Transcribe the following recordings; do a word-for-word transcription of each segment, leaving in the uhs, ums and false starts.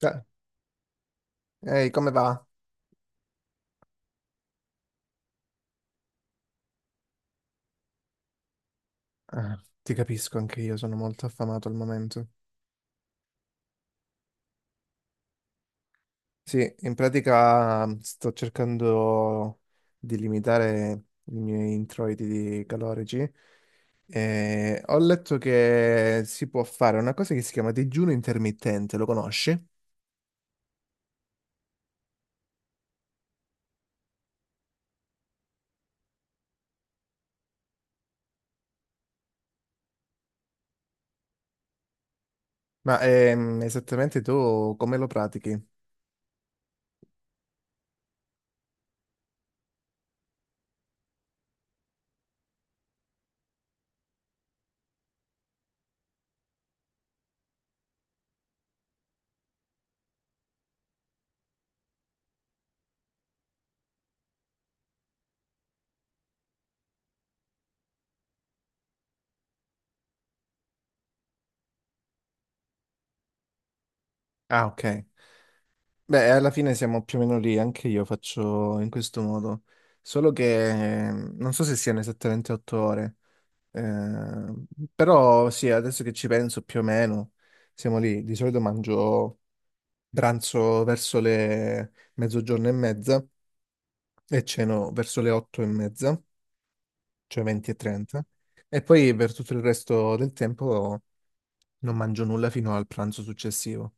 Cioè, ehi, come va? Ah, ti capisco, anche io sono molto affamato al momento. Sì, in pratica mm, sto cercando di limitare i miei introiti di calorici. E ho letto che si può fare una cosa che si chiama digiuno intermittente, lo conosci? Ma ehm, esattamente tu come lo pratichi? Ah, ok. Beh, alla fine siamo più o meno lì, anche io faccio in questo modo, solo che ehm, non so se siano esattamente otto ore. Eh, Però sì, adesso che ci penso più o meno, siamo lì. Di solito mangio pranzo verso le mezzogiorno e mezza e ceno verso le otto e mezza, cioè venti e trenta. E poi per tutto il resto del tempo non mangio nulla fino al pranzo successivo.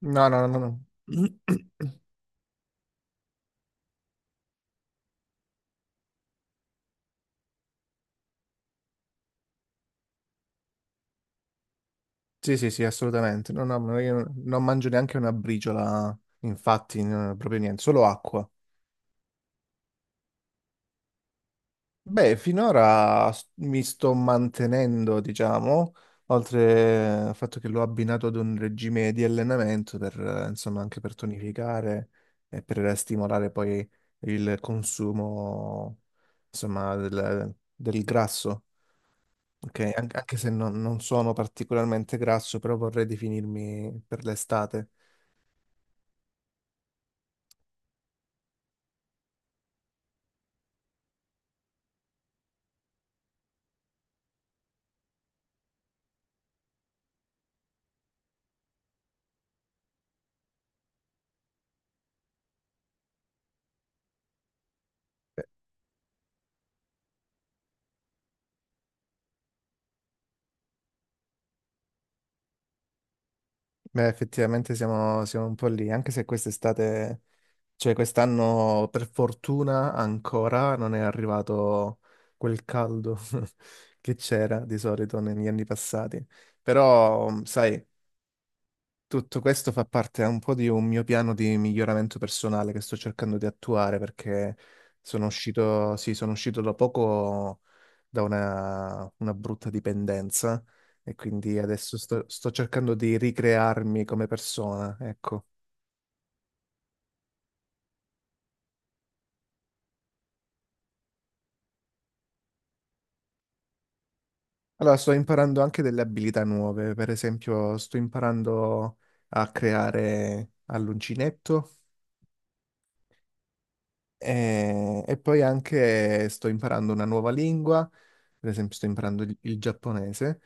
No, no, no, no. No. Sì, sì, sì, assolutamente. No, no, ma io non mangio neanche una briciola, infatti, no, proprio niente, solo acqua. Beh, finora s- mi sto mantenendo, diciamo, oltre al fatto che l'ho abbinato ad un regime di allenamento per, eh, insomma, anche per tonificare e per stimolare poi il consumo, insomma, del, del grasso. Ok, An- anche se non, non sono particolarmente grasso, però vorrei definirmi per l'estate. Beh, beh, effettivamente siamo, siamo un po' lì, anche se quest'estate. Cioè, quest'anno per fortuna ancora non è arrivato quel caldo che c'era di solito negli anni passati. Però, mh, sai, tutto questo fa parte un po' di un mio piano di miglioramento personale che sto cercando di attuare perché sono uscito, sì, sono uscito da poco da una, una brutta dipendenza e quindi adesso sto, sto cercando di ricrearmi come persona, ecco. Allora, sto imparando anche delle abilità nuove, per esempio sto imparando a creare all'uncinetto e, e poi anche sto imparando una nuova lingua, per esempio sto imparando il, il giapponese.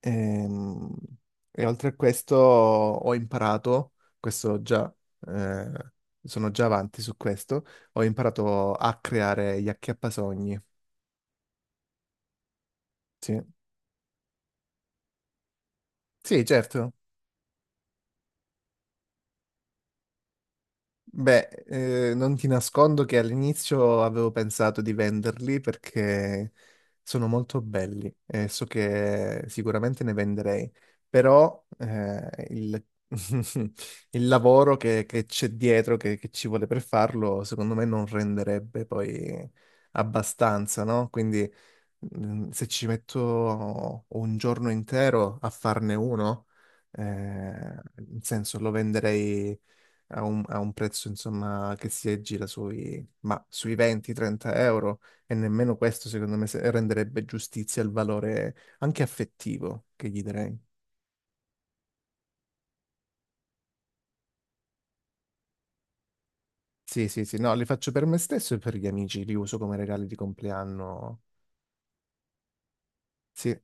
Ehm, e, oltre a questo ho imparato, questo già, eh, sono già avanti su questo, ho imparato a creare gli acchiappasogni. Sì, sì, certo. Beh, eh, non ti nascondo che all'inizio avevo pensato di venderli perché sono molto belli e so che sicuramente ne venderei, però eh, il, il lavoro che che c'è dietro, che, che ci vuole per farlo, secondo me non renderebbe poi abbastanza, no? Quindi mm, se ci metto un giorno intero a farne uno, eh, nel senso lo venderei a un, a un prezzo insomma che si aggira sui, ma sui venti-trenta euro e nemmeno questo secondo me se- renderebbe giustizia al valore anche affettivo che gli darei. Sì, sì, sì, no, li faccio per me stesso e per gli amici, li uso come regali di compleanno. Sì, e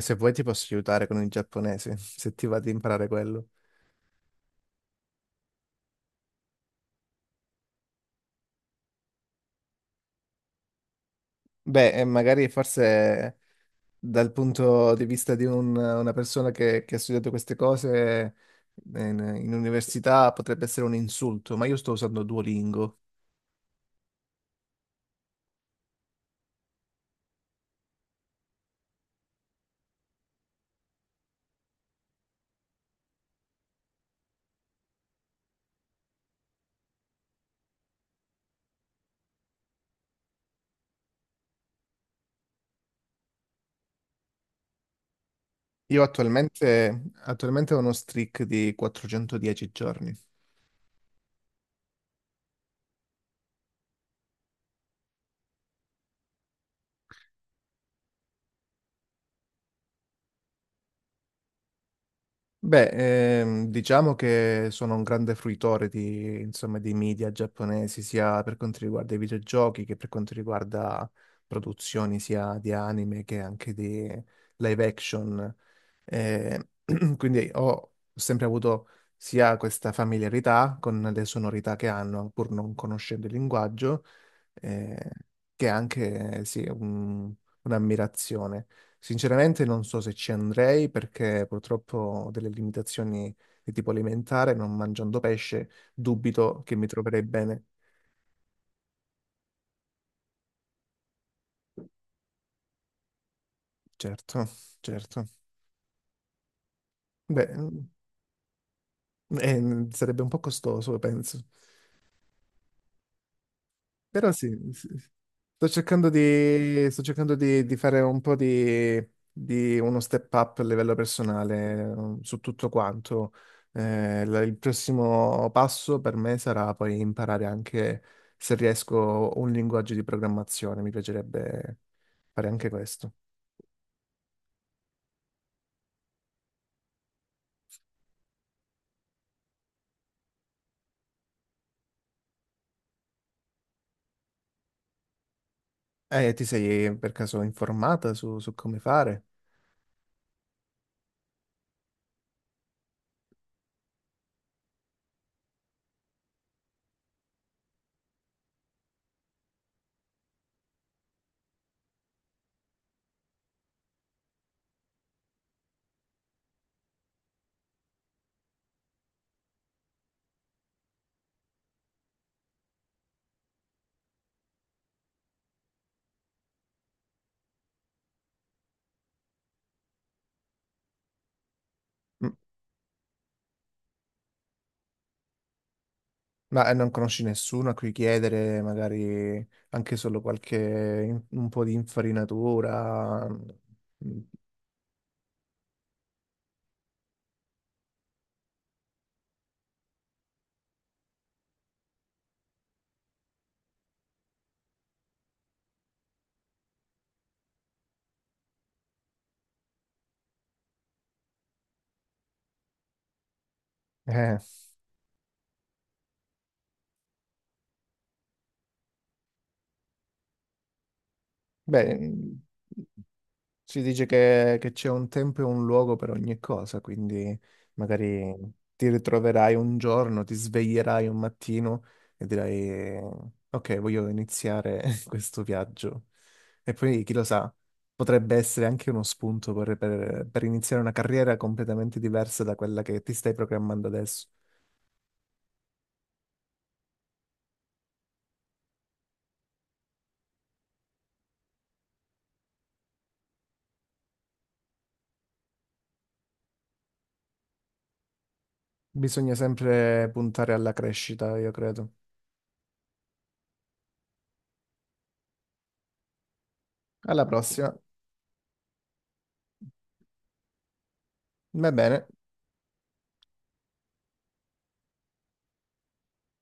se vuoi ti posso aiutare con il giapponese, se ti va di imparare quello. Beh, eh, magari forse dal punto di vista di un- una persona che, che ha studiato queste cose in, in università potrebbe essere un insulto, ma io sto usando Duolingo. Io attualmente, attualmente ho uno streak di quattrocentodieci giorni. Beh, ehm, diciamo che sono un grande fruitore di, insomma, dei media giapponesi, sia per quanto riguarda i videogiochi che per quanto riguarda produzioni sia di anime che anche di live action. Eh, quindi ho sempre avuto sia questa familiarità con le sonorità che hanno, pur non conoscendo il linguaggio, eh, che anche, sì, un- un'ammirazione. Sinceramente non so se ci andrei perché purtroppo ho delle limitazioni di tipo alimentare, non mangiando pesce, dubito che mi troverei bene. Certo, certo. Beh, mm, eh, sarebbe un po' costoso, penso. Però sì, sì, sì. sto cercando di, sto cercando di, di fare un po' di, di uno step up a livello personale eh, su tutto quanto. Eh, la- il prossimo passo per me sarà poi imparare anche, se riesco, un linguaggio di programmazione. Mi piacerebbe fare anche questo. Eh, ti sei per caso informata su, su come fare? Mm. Ma eh, non conosci nessuno a cui chiedere magari anche solo qualche in- un po' di infarinatura? mm, Eh, beh, si dice che, che c'è un tempo e un luogo per ogni cosa, quindi magari ti ritroverai un giorno, ti sveglierai un mattino e dirai, ok, voglio iniziare questo viaggio. E poi, chi lo sa, potrebbe essere anche uno spunto per, per- per iniziare una carriera completamente diversa da quella che ti stai programmando adesso. Bisogna sempre puntare alla crescita, io credo. Alla prossima. Va bene.